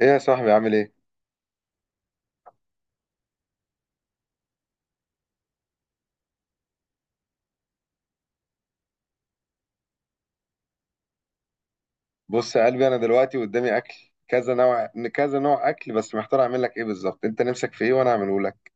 ايه يا صاحبي عامل ايه؟ بص يا قلبي، انا دلوقتي قدامي اكل كذا نوع. كذا نوع اكل بس محتار اعمل لك ايه بالظبط. انت نفسك في ايه وانا اعمله لك؟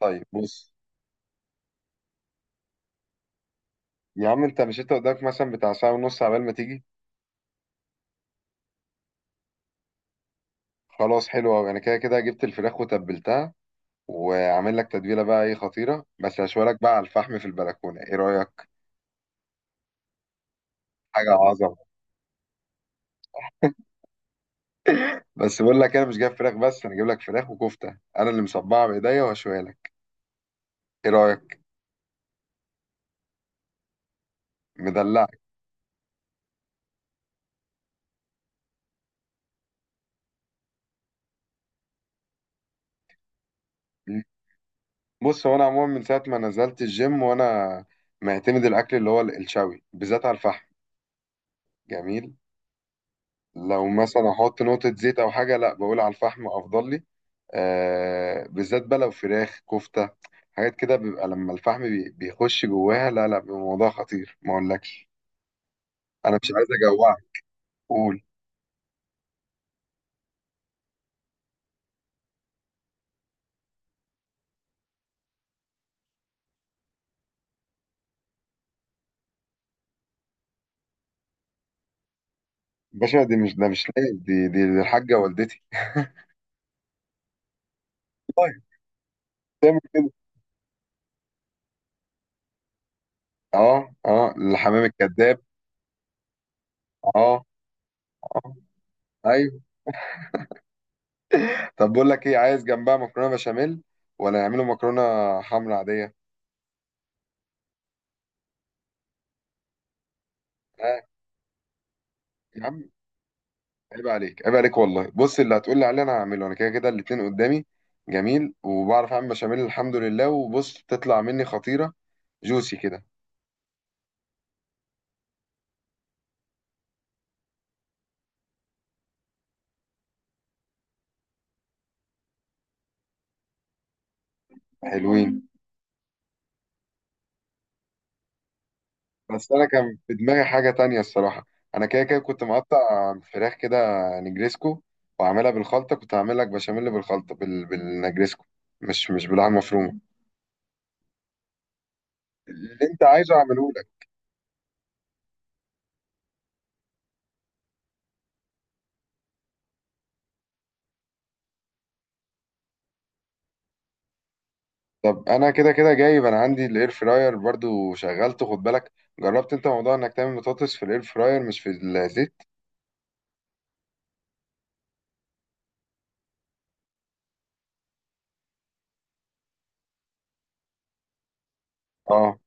طيب بص يا عم، انت مش انت قدامك مثلا بتاع ساعه ونص عبال ما تيجي. خلاص، حلو قوي، انا كده كده جبت الفراخ وتبلتها وعامل لك تتبيله بقى ايه خطيره، بس هشوي لك بقى على الفحم في البلكونه. ايه رايك؟ حاجه عظمه. بس بقول لك إيه، انا مش جايب فراخ بس، انا جايب لك فراخ وكفته انا اللي مصبعه بايديا وهشويها لك. ايه رايك؟ مدلعك. بص هو انا عموما من ساعه ما نزلت الجيم وانا معتمد الاكل اللي هو الشوي بالذات على الفحم. جميل. لو مثلا احط نقطه زيت او حاجه، لا، بقول على الفحم افضل لي. آه، بالذات بقى لو فراخ، كفته، حاجات كده بيبقى لما الفحم بيخش جواها، لا بيبقى موضوع خطير ما اقولكش. انا مش عايز اجوعك، قول. باشا دي مش ده مش لايق. دي الحاجه والدتي. طيب تعمل كده. اه اه، الحمام الكذاب. اه، اه، ايوه. طب بقول لك ايه، عايز جنبها مكرونه بشاميل، ولا نعمله مكرونه حمرا عاديه؟ ها يا عم، عيب عليك، عيب عليك والله. بص اللي هتقول لي عليه انا هعمله، انا كده كده الاتنين قدامي. جميل. وبعرف اعمل بشاميل الحمد لله، وبص تطلع مني خطيره، جوسي كده. حلوين. بس انا كان في دماغي حاجه تانية الصراحه، انا كده كده كنت مقطع فراخ كده نجريسكو وعاملها بالخلطه. كنت هعمل لك بشاميل بالخلطه بالنجريسكو، مش باللحمه مفرومه. اللي انت عايزه اعمله. طب انا كده كده جايب، انا عندي الاير فراير برضو شغلته خد بالك. جربت انت موضوع انك تعمل بطاطس في الاير فراير مش في الزيت؟ اه.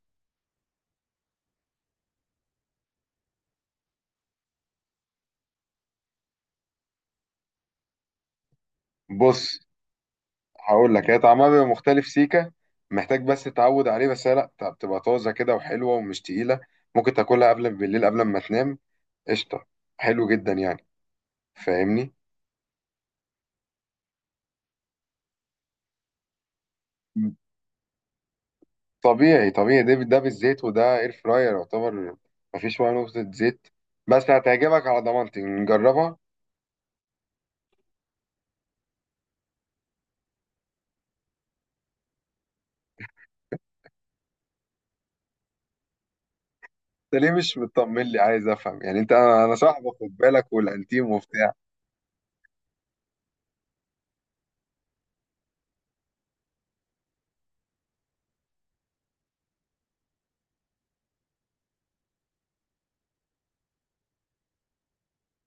بص هقول لك، هي طعمها بيبقى مختلف سيكه، محتاج بس تتعود عليه، بس هي لا، طب بتبقى طازه كده وحلوه ومش تقيله، ممكن تاكلها قبل بالليل قبل ما تنام. قشطه. حلو جدا يعني، فاهمني؟ م. طبيعي طبيعي. ده بالزيت، وده اير فراير يعتبر، مفيش ولا نقطه زيت، بس هتعجبك على ضمانتي، نجربها. انت ليه مش مطمن لي؟ عايز افهم يعني. انت انا أنا صاحبك خد بالك والانتيم وبتاع.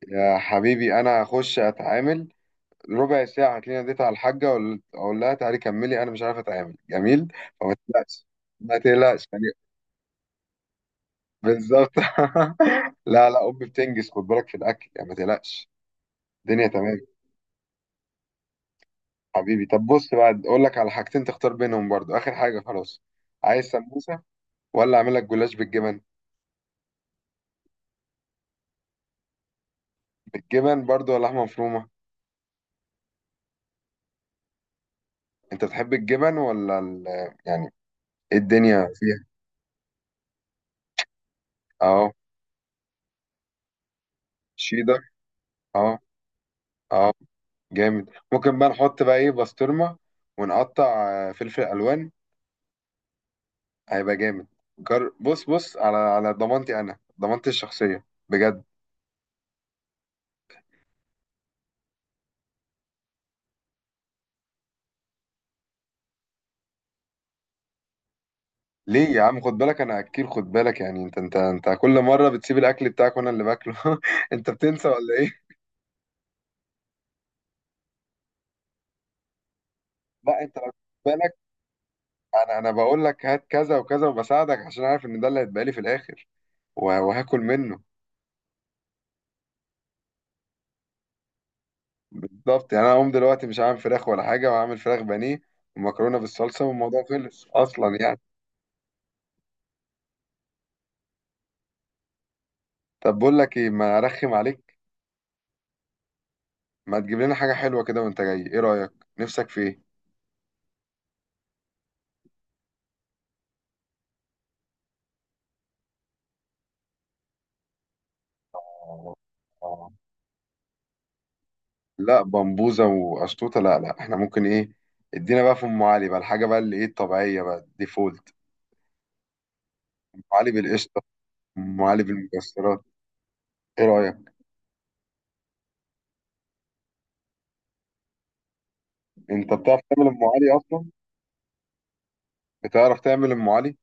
يا حبيبي، انا هخش اتعامل ربع ساعه، هتلاقيني ناديت على الحاجه اقول لها تعالي كملي، انا مش عارف اتعامل جميل، فما تقلقش، ما تقلقش يعني. بالظبط. لا لا، امي بتنجز خد بالك في الاكل، يعني ما تقلقش، الدنيا تمام. حبيبي طب بص بقى، اقول لك على حاجتين تختار بينهم برضو، اخر حاجه خلاص. عايز سموسه ولا اعمل لك جلاش بالجبن؟ بالجبن برضو، ولا لحمه مفرومه؟ انت بتحب الجبن ولا ال...؟ يعني الدنيا فيها. اهو، شيدر، اهو، اهو. جامد. ممكن بقى نحط بقى ايه، بسطرمة ونقطع آه، فلفل الوان، هيبقى جامد. جر... بص، بص على ضمانتي، انا ضمانتي الشخصية بجد. ليه يا عم، خد بالك انا اكيل، خد بالك يعني. انت كل مرة بتسيب الاكل بتاعك وانا اللي باكله. انت بتنسى ولا ايه؟ لا انت لو خد بالك. انا بقول لك هات كذا وكذا وبساعدك، عشان عارف ان ده اللي هيتبقى لي في الاخر، وهاكل منه. بالظبط يعني. انا اقوم دلوقتي مش عامل فراخ ولا حاجه، وعامل فراخ بانيه ومكرونه بالصلصه، والموضوع خلص اصلا يعني. طب بقول لك ايه، ما ارخم عليك، ما تجيب لنا حاجه حلوه كده وانت جاي؟ ايه رايك؟ نفسك في ايه؟ آه، آه. لا بمبوزه وقشطوطه، لا احنا ممكن ايه، ادينا بقى في ام علي بقى، الحاجه بقى اللي ايه الطبيعيه بقى الديفولت. ام علي بالقشطه، ام علي بالمكسرات. ايه رايك؟ انت بتعرف تعمل ام علي اصلا؟ بتعرف تعمل ام علي؟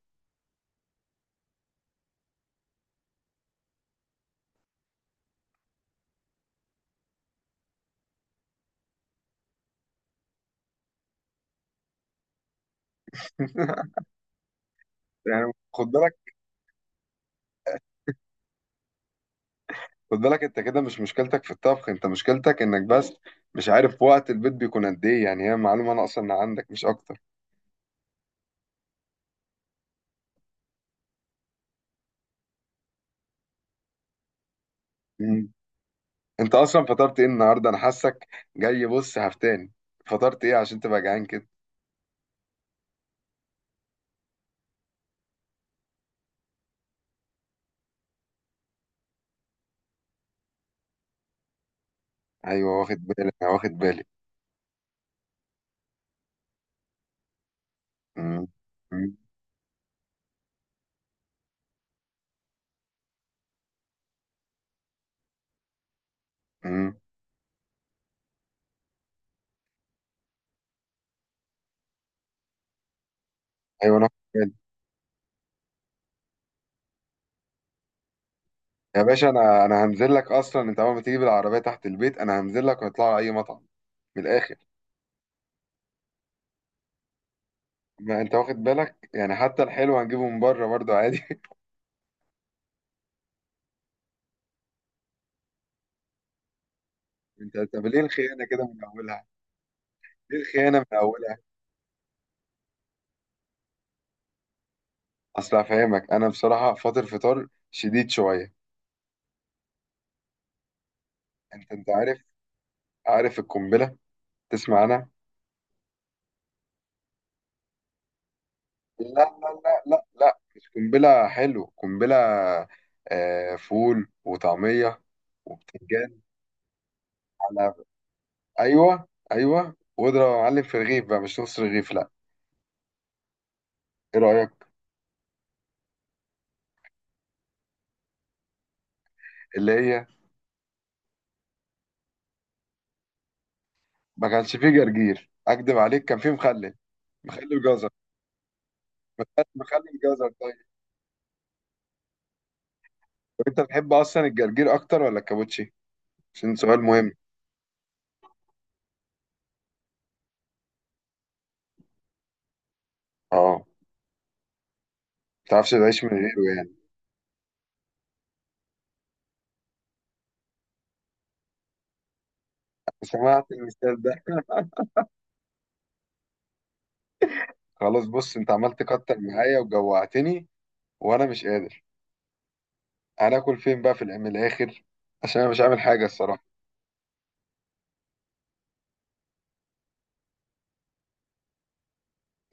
يعني خد بالك، خد بالك، انت كده مش مشكلتك في الطبخ، انت مشكلتك انك بس مش عارف وقت البيت بيكون قد ايه يعني، هي معلومة ناقصة ان عندك مش اكتر. مم. انت اصلا فطرت ايه النهاردة؟ انا حاسك جاي بص هفتان، فطرت ايه عشان تبقى جعان كده؟ ايوه، واخد بالي، انا واخد بالي. مم. مم. مم. ايوه، انا واخد بالي. يا باشا، انا انا هنزل لك اصلا، انت اول ما تيجي بالعربية تحت البيت انا هنزل لك ونطلع على اي مطعم، من الاخر. ما انت واخد بالك يعني، حتى الحلو هنجيبه من بره برضه عادي. انت ليه الخيانة كده من اولها؟ دي الخيانة من أولها. أصل هفهمك، أنا بصراحة فاطر فطار شديد شوية. أنت عارف، عارف القنبلة؟ تسمع؟ أنا لا لا لا لا لا، مش قنبلة حلو، قنبلة آه، فول وطعمية وبتنجان. على أيوه أيوه، واضرب يا معلم في رغيف بقى، مش نص رغيف، لا. إيه رأيك؟ اللي هي، ما كانش فيه جرجير أكدب عليك، كان فيه مخلل، مخلل جزر. مخلل جزر طيب. طب أنت بتحب أصلا الجرجير أكتر ولا الكابوتشي؟ عشان سؤال مهم. اه، متعرفش تعيش من غيره يعني. سمعت المثال ده. خلاص بص، انت عملت تكتر معايا وجوعتني، وانا مش قادر، انا اكل فين بقى، من الاخر، عشان انا مش عامل حاجه الصراحه.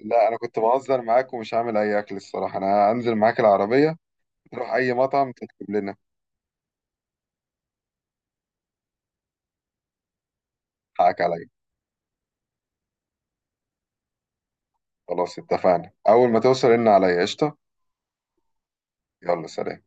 لا انا كنت بهزر معاك ومش هعمل اي اكل الصراحه، انا هنزل معاك العربيه نروح اي مطعم تطلب لنا. حقك عليا. خلاص اتفقنا، اول ما توصل ان عليا قشطه. يلا سلام.